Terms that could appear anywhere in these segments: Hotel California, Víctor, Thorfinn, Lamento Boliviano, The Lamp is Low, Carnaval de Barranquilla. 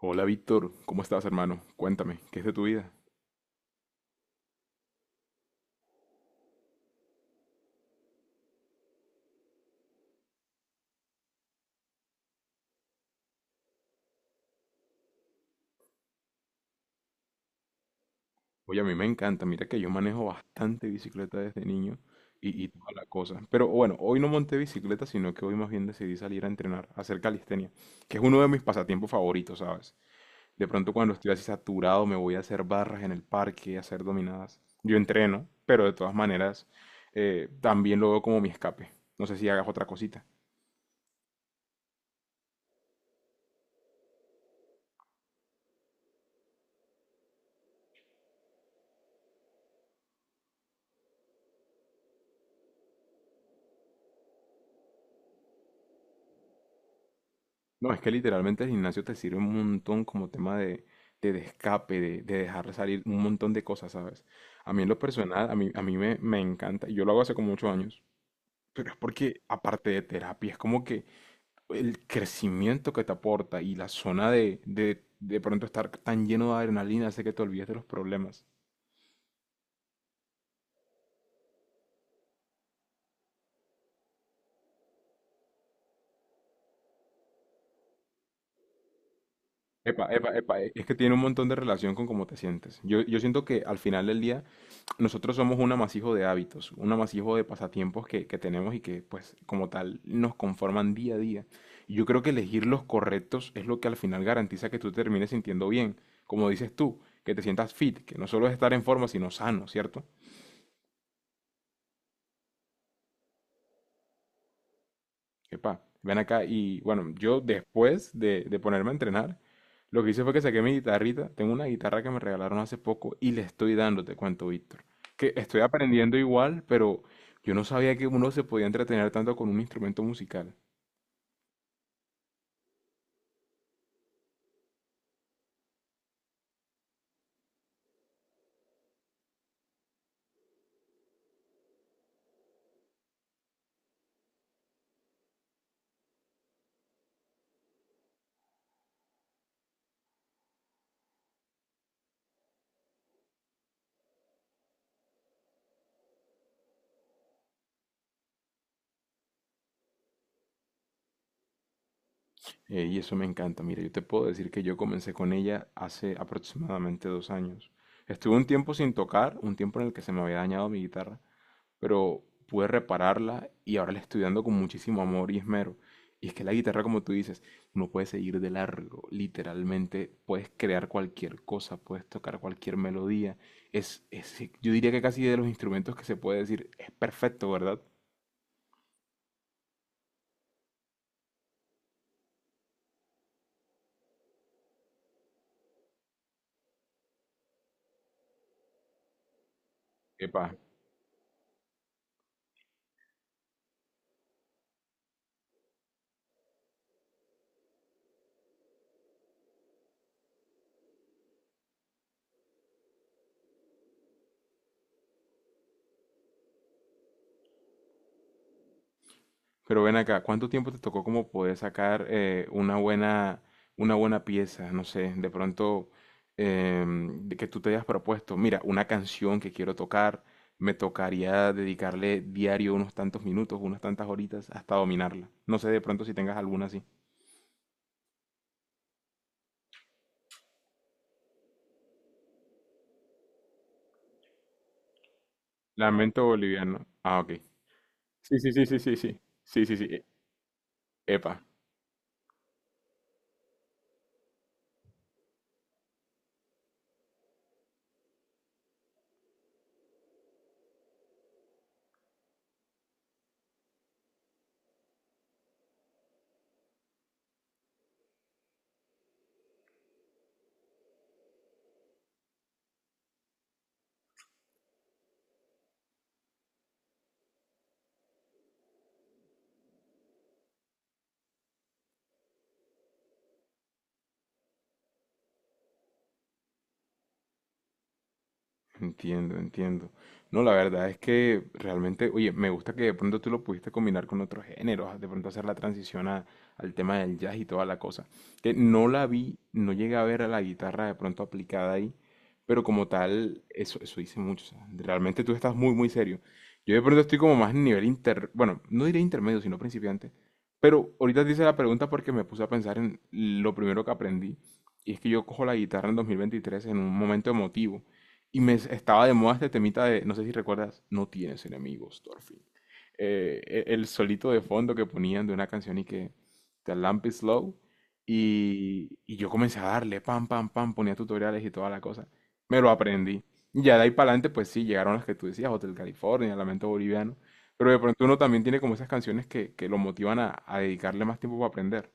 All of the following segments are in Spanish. Hola Víctor, ¿cómo estás hermano? Cuéntame, ¿qué es de tu vida? Oye, a mí me encanta, mira que yo manejo bastante bicicleta desde niño y toda la cosa. Pero bueno, hoy no monté bicicleta, sino que hoy más bien decidí salir a entrenar, a hacer calistenia, que es uno de mis pasatiempos favoritos, ¿sabes? De pronto cuando estoy así saturado me voy a hacer barras en el parque, a hacer dominadas. Yo entreno, pero de todas maneras también lo veo como mi escape. No sé si hagas otra cosita. No, es que literalmente el gimnasio te sirve un montón como tema de escape, de dejar salir un montón de cosas, ¿sabes? A mí en lo personal, a mí me encanta, y yo lo hago hace como muchos años, pero es porque aparte de terapia, es como que el crecimiento que te aporta y la zona de pronto estar tan lleno de adrenalina hace que te olvides de los problemas. Epa, epa, epa, es que tiene un montón de relación con cómo te sientes. Yo siento que al final del día nosotros somos un amasijo de hábitos, un amasijo de pasatiempos que tenemos y que pues como tal nos conforman día a día. Y yo creo que elegir los correctos es lo que al final garantiza que tú te termines sintiendo bien, como dices tú, que te sientas fit, que no solo es estar en forma, sino sano, ¿cierto? Epa, ven acá. Y bueno, yo después de ponerme a entrenar, lo que hice fue que saqué mi guitarrita. Tengo una guitarra que me regalaron hace poco y le estoy dando, te cuento, Víctor. Que estoy aprendiendo igual, pero yo no sabía que uno se podía entretener tanto con un instrumento musical. Y eso me encanta. Mira, yo te puedo decir que yo comencé con ella hace aproximadamente 2 años. Estuve un tiempo sin tocar, un tiempo en el que se me había dañado mi guitarra, pero pude repararla y ahora la estoy dando con muchísimo amor y esmero. Y es que la guitarra, como tú dices, uno puede seguir de largo, literalmente puedes crear cualquier cosa, puedes tocar cualquier melodía. Yo diría que casi de los instrumentos que se puede decir, es perfecto, ¿verdad? Epa, pero ven acá, ¿cuánto tiempo te tocó como poder sacar una buena pieza? No sé, de pronto de que tú te hayas propuesto, mira, una canción que quiero tocar, me tocaría dedicarle diario unos tantos minutos, unas tantas horitas hasta dominarla. No sé de pronto si tengas alguna así. Lamento boliviano. Ah, ok. Sí, sí, sí, sí, sí, sí. Sí, sí, sí. Epa. Entiendo, entiendo. No, la verdad es que realmente, oye, me gusta que de pronto tú lo pudiste combinar con otros géneros, de pronto hacer la transición al tema del jazz y toda la cosa. Que no la vi, no llegué a ver a la guitarra de pronto aplicada ahí, pero como tal, eso dice mucho. O sea, realmente tú estás muy serio. Yo de pronto estoy como más en nivel inter, bueno, no diré intermedio, sino principiante. Pero ahorita te hice la pregunta porque me puse a pensar en lo primero que aprendí. Y es que yo cojo la guitarra en 2023 en un momento emotivo y estaba de moda este temita de, no sé si recuerdas, no tienes enemigos, Thorfinn. El solito de fondo que ponían de una canción y que The Lamp is Low. Y yo comencé a darle, pam, pam, pam, ponía tutoriales y toda la cosa. Me lo aprendí. Y ya de ahí para adelante, pues sí, llegaron las que tú decías, Hotel California, Lamento Boliviano. Pero de pronto uno también tiene como esas canciones que lo motivan a dedicarle más tiempo para aprender.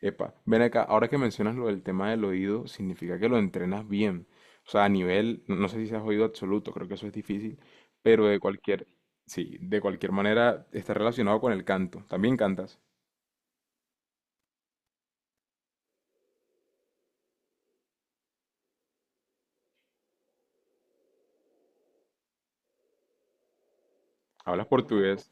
Epa, ven acá, ahora que mencionas lo del tema del oído, significa que lo entrenas bien. O sea, a nivel, no sé si seas oído absoluto, creo que eso es difícil, pero de cualquier, sí, de cualquier manera está relacionado con el canto. También cantas, hablas portugués.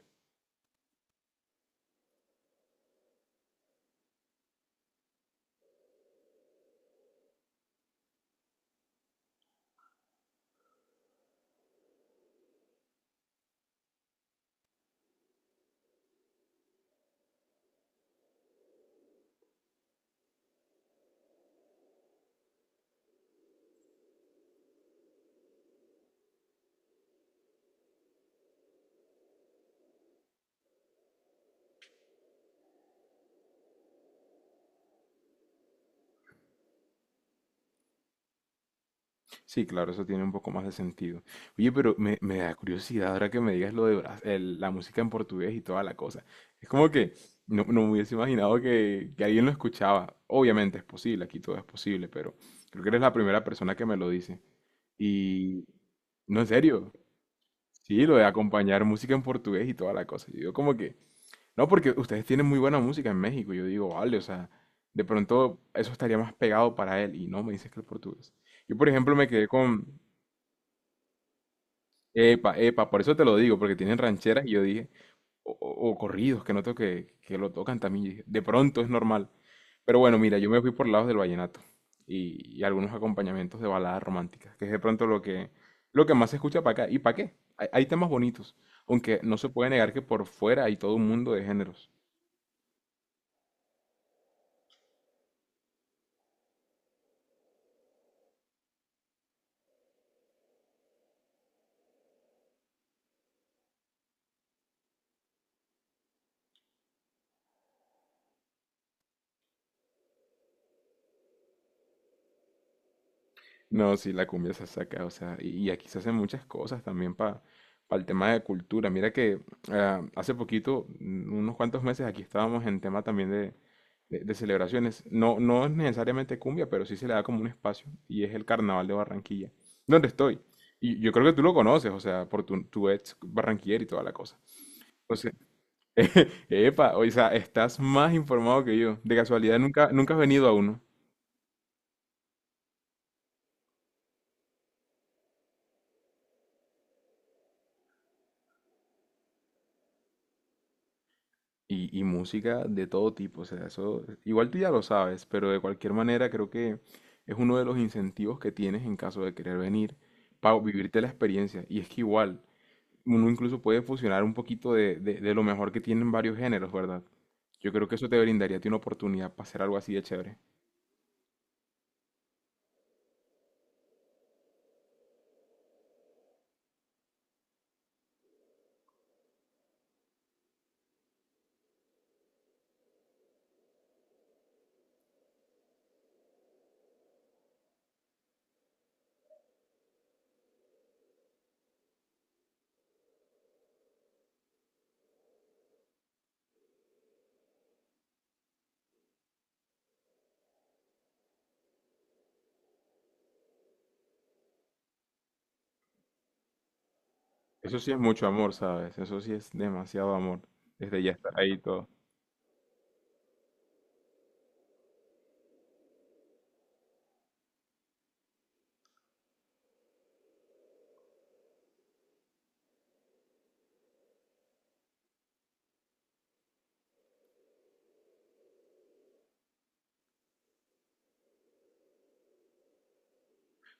Sí, claro, eso tiene un poco más de sentido. Oye, pero me da curiosidad ahora que me digas lo de la música en portugués y toda la cosa. Es como que no, no me hubiese imaginado que alguien lo escuchaba. Obviamente es posible, aquí todo es posible, pero creo que eres la primera persona que me lo dice. Y no, en serio. Sí, lo de acompañar música en portugués y toda la cosa. Yo digo como que, no, porque ustedes tienen muy buena música en México. Yo digo, vale, o sea, de pronto eso estaría más pegado para él. Y no, me dices que el portugués. Yo, por ejemplo, me quedé con, epa, epa, por eso te lo digo, porque tienen rancheras y yo dije, o, o corridos que noto que lo tocan también. Y dije, de pronto es normal. Pero bueno, mira, yo me fui por lados del vallenato y algunos acompañamientos de baladas románticas, que es de pronto lo que más se escucha para acá. ¿Y para qué? Hay temas bonitos, aunque no se puede negar que por fuera hay todo un mundo de géneros. No, sí, la cumbia se saca, o sea, y aquí se hacen muchas cosas también para el tema de cultura. Mira que ah, hace poquito, unos cuantos meses, aquí estábamos en tema también de, de celebraciones. No, no es necesariamente cumbia, pero sí se le da como un espacio y es el Carnaval de Barranquilla, donde estoy. Y yo creo que tú lo conoces, o sea, por tu ex barranquillero y toda la cosa. Entonces, epa, o sea, estás más informado que yo. De casualidad, nunca has venido a uno. Y música de todo tipo, o sea, eso igual tú ya lo sabes, pero de cualquier manera creo que es uno de los incentivos que tienes en caso de querer venir para vivirte la experiencia. Y es que igual, uno incluso puede fusionar un poquito de lo mejor que tienen varios géneros, ¿verdad? Yo creo que eso te brindaría a ti una oportunidad para hacer algo así de chévere. Eso sí es mucho amor, ¿sabes? Eso sí es demasiado amor. Desde ya estar ahí y todo.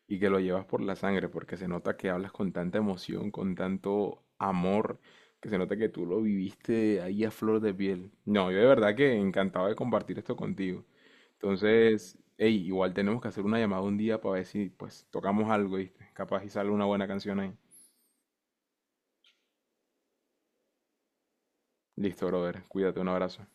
Y que lo llevas por la sangre, porque se nota que hablas con tanta emoción, con tanto amor, que se nota que tú lo viviste ahí a flor de piel. No, yo de verdad que encantado de compartir esto contigo. Entonces, hey, igual tenemos que hacer una llamada un día para ver si pues tocamos algo, ¿viste? Capaz y sale una buena canción ahí. Listo, brother. Cuídate, un abrazo.